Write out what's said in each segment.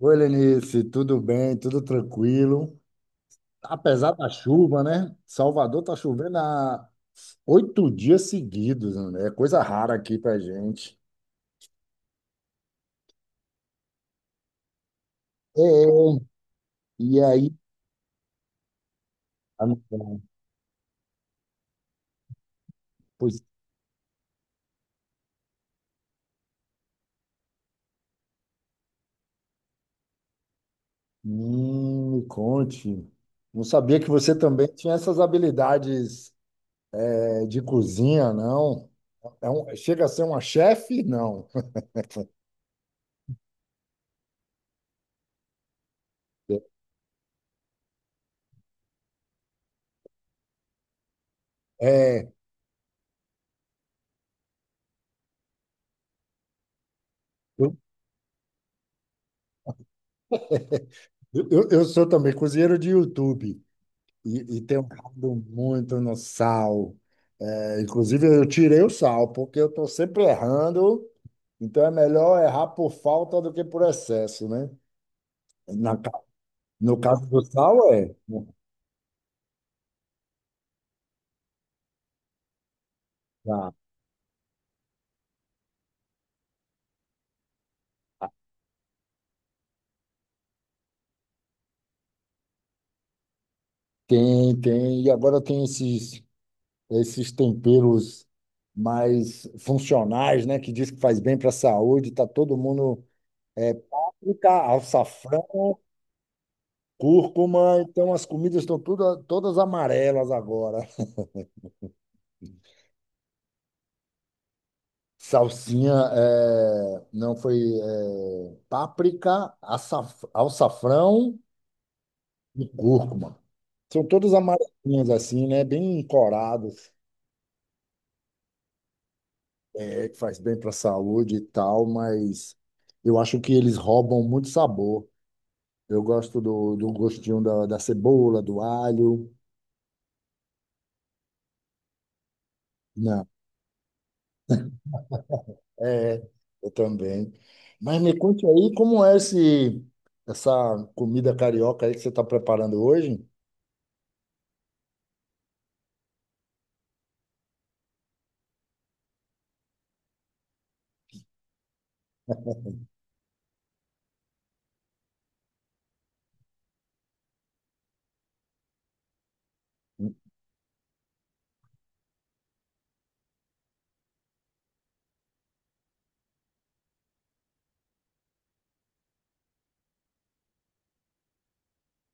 Oi, Lenice, tudo bem? Tudo tranquilo? Apesar da chuva, né? Salvador tá chovendo há 8 dias seguidos, né? É coisa rara aqui pra gente. É, e aí? Ah, não, não. Pois, me conte. Não sabia que você também tinha essas habilidades, de cozinha, não? Chega a ser uma chefe? Não. É, eu, eu sou também cozinheiro de YouTube. E tem um caldo muito no sal. É, inclusive, eu tirei o sal, porque eu estou sempre errando. Então, é melhor errar por falta do que por excesso, né? Na ca- no caso do sal, é. Tá. Tem, tem. E agora tem esses temperos mais funcionais, né? Que diz que faz bem para a saúde. Tá todo mundo... É, páprica, alçafrão, cúrcuma. Então, as comidas estão todas amarelas agora. Salsinha, não foi páprica, alçafrão e cúrcuma. São todas amarelinhas assim, né? Bem coradas, que faz bem para a saúde e tal, mas eu acho que eles roubam muito sabor. Eu gosto do gostinho da cebola, do alho. Não, é, eu também. Mas me conte aí como é essa comida carioca aí que você está preparando hoje?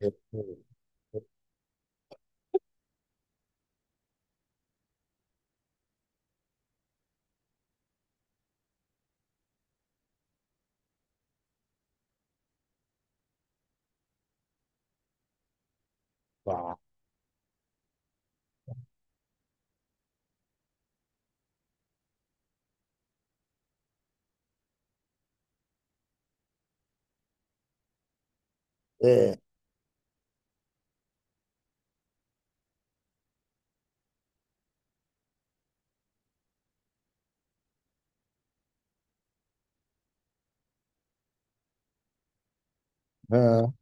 É, pá, é, É,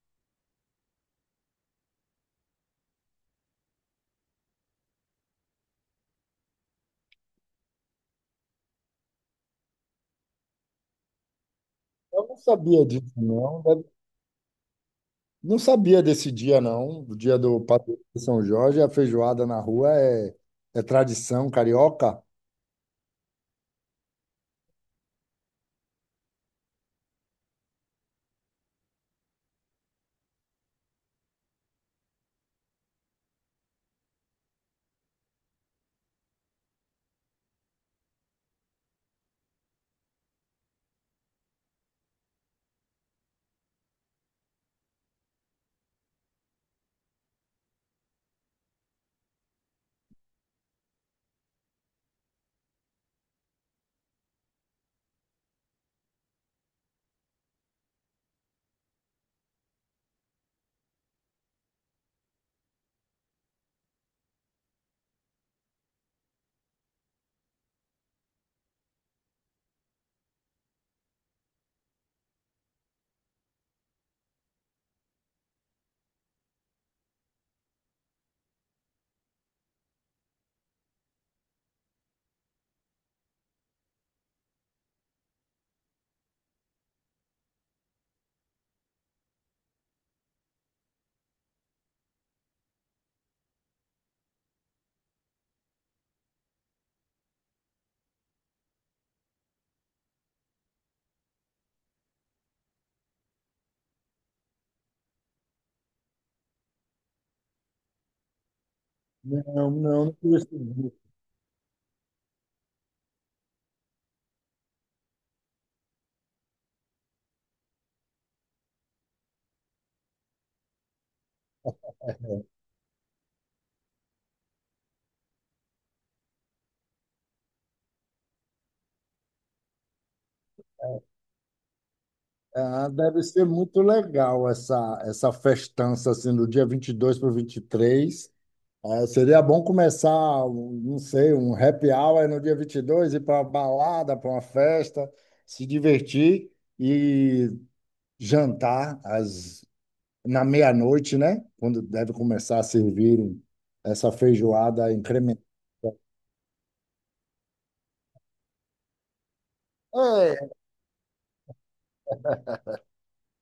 eu não sabia disso, não. Não sabia desse dia, não. O dia do padroeiro de São Jorge, a feijoada na rua é tradição carioca? Não, não, não percebi. Ah, deve ser muito legal essa festança, assim, do dia 22 para o 23. Ah, seria bom começar, não sei, um happy hour no dia 22 ir para uma balada, para uma festa, se divertir e jantar às na meia-noite, né? Quando deve começar a servir essa feijoada incrementada. É,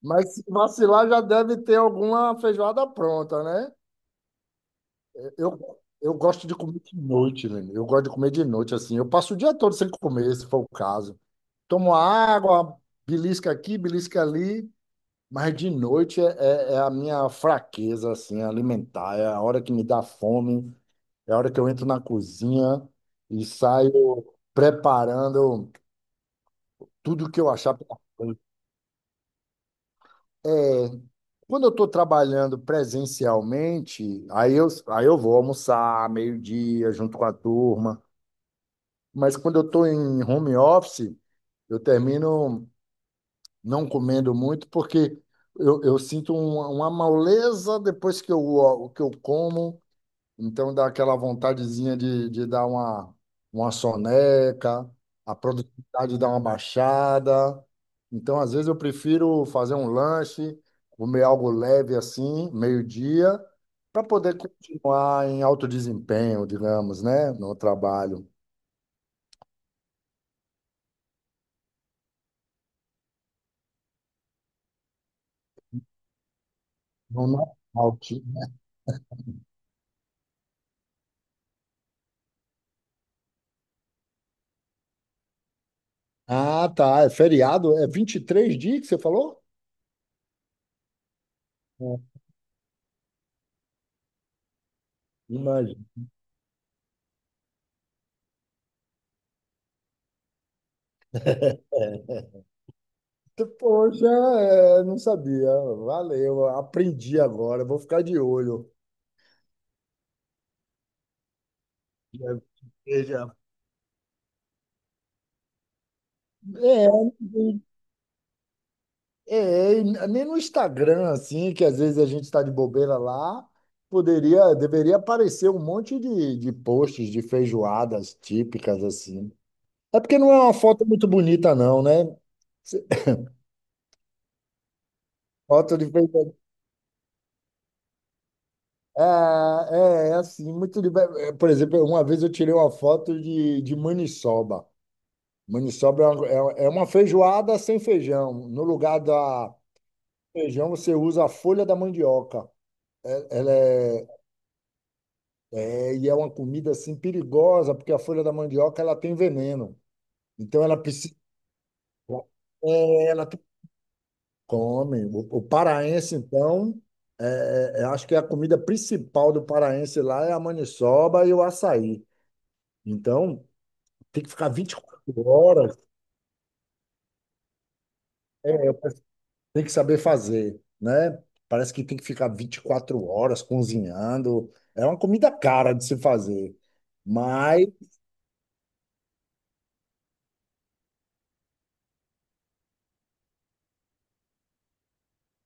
mas se vacilar já deve ter alguma feijoada pronta, né? Eu, eu gosto de comer de noite, velho. Eu gosto de comer de noite, assim. Eu passo o dia todo sem comer, se for o caso. Tomo água, belisca aqui, belisca ali. Mas de noite é a minha fraqueza, assim, alimentar. É a hora que me dá fome. É a hora que eu entro na cozinha e saio preparando tudo que eu achar pela frente. É, quando eu estou trabalhando presencialmente, aí eu vou almoçar meio-dia junto com a turma. Mas quando eu estou em home office, eu termino não comendo muito porque eu sinto uma moleza depois que eu como. Então dá aquela vontadezinha de dar uma soneca, a produtividade dá uma baixada. Então, às vezes, eu prefiro fazer um lanche, comer algo leve assim, meio-dia, para poder continuar em alto desempenho, digamos, né? No trabalho. Não na Ah, tá. É feriado? É 23 dias que você falou? É, imagina. Poxa, é, não sabia. Valeu, aprendi agora. Vou ficar de olho. Já veja. É, é, e nem no Instagram, assim, que às vezes a gente está de bobeira lá, poderia, deveria aparecer um monte de posts de feijoadas típicas, assim. É porque não é uma foto muito bonita, não, né? Foto de feijoada. É, é assim, muito de. Por exemplo, uma vez eu tirei uma foto de maniçoba. Maniçoba é uma feijoada sem feijão. No lugar da feijão, você usa a folha da mandioca. Ela e é uma comida assim perigosa, porque a folha da mandioca ela tem veneno. Então ela precisa. é, ela tem- Come. O paraense então, eu acho que a comida principal do paraense lá é a maniçoba e o açaí. Então tem que ficar 24 horas, é, eu- tem que saber fazer, né? Parece que tem que ficar 24 horas cozinhando. É uma comida cara de se fazer, mas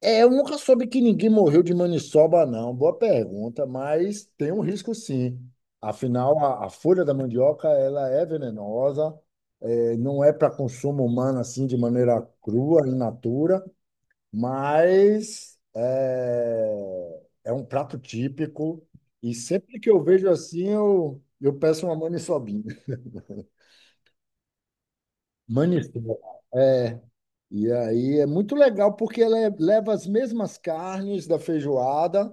é, eu nunca soube que ninguém morreu de maniçoba, não. Boa pergunta, mas tem um risco sim. Afinal, a folha da mandioca ela é venenosa, não é para consumo humano assim de maneira crua, in natura, mas é um prato típico. E sempre que eu vejo assim, eu peço uma maniçobinha. Maniçoba. É. E aí é muito legal porque leva as mesmas carnes da feijoada,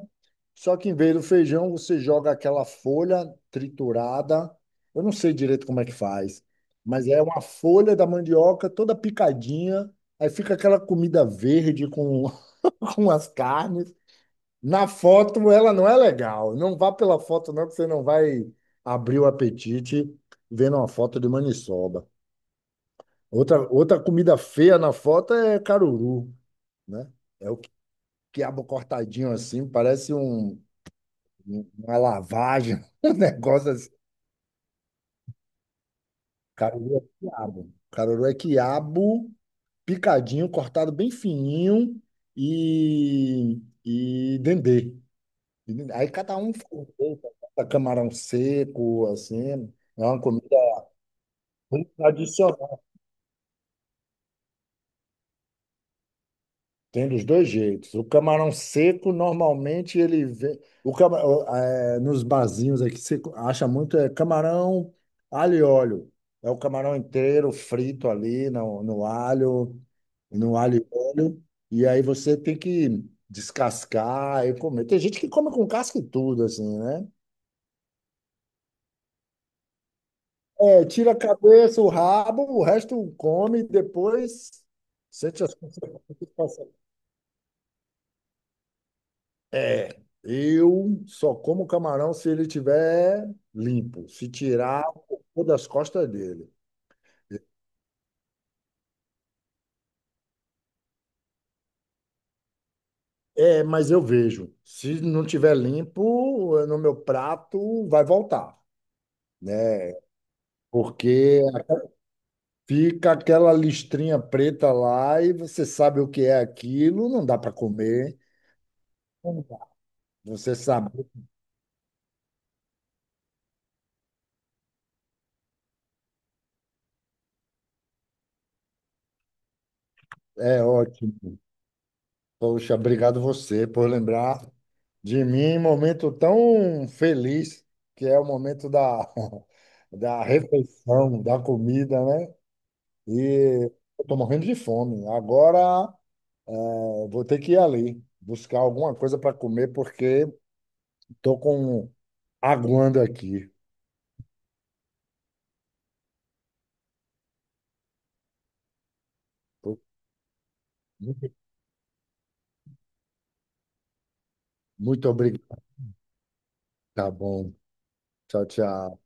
só que em vez do feijão você joga aquela folha triturada. Eu não sei direito como é que faz, mas é uma folha da mandioca toda picadinha. Aí fica aquela comida verde com, com as carnes. Na foto ela não é legal. Não vá pela foto não, que você não vai abrir o apetite vendo uma foto de maniçoba. Outra comida feia na foto é caruru, né? É o quiabo cortadinho assim, parece uma lavagem, um negócio assim. Caruru é quiabo. Caruru é quiabo picadinho, cortado bem fininho e dendê. Aí cada um faz um jeito, bota camarão seco, assim. É uma comida bem tradicional. Tem dos dois jeitos. O camarão seco, normalmente, ele vem. O cama- o- é, Nos barzinhos aqui, você acha muito é camarão, alho e óleo. É o camarão inteiro frito ali no alho, no alho e óleo. E aí você tem que descascar e comer. Tem gente que come com casca e tudo, assim, né? É, tira a cabeça, o rabo, o resto come e depois sente as consequências. Eu só como camarão se ele tiver limpo, se tirar o cocô das costas dele. É, mas eu vejo. Se não tiver limpo, no meu prato vai voltar, né? Porque fica aquela listrinha preta lá e você sabe o que é aquilo, não dá para comer. Você sabe, é ótimo. Poxa, obrigado você por lembrar de mim em um momento tão feliz, que é o momento da, da refeição, da comida, né? E eu tô morrendo de fome. Agora, vou ter que ir ali buscar alguma coisa para comer, porque tô com aguando aqui. Muito muito obrigado. Tá bom. Tchau, tchau.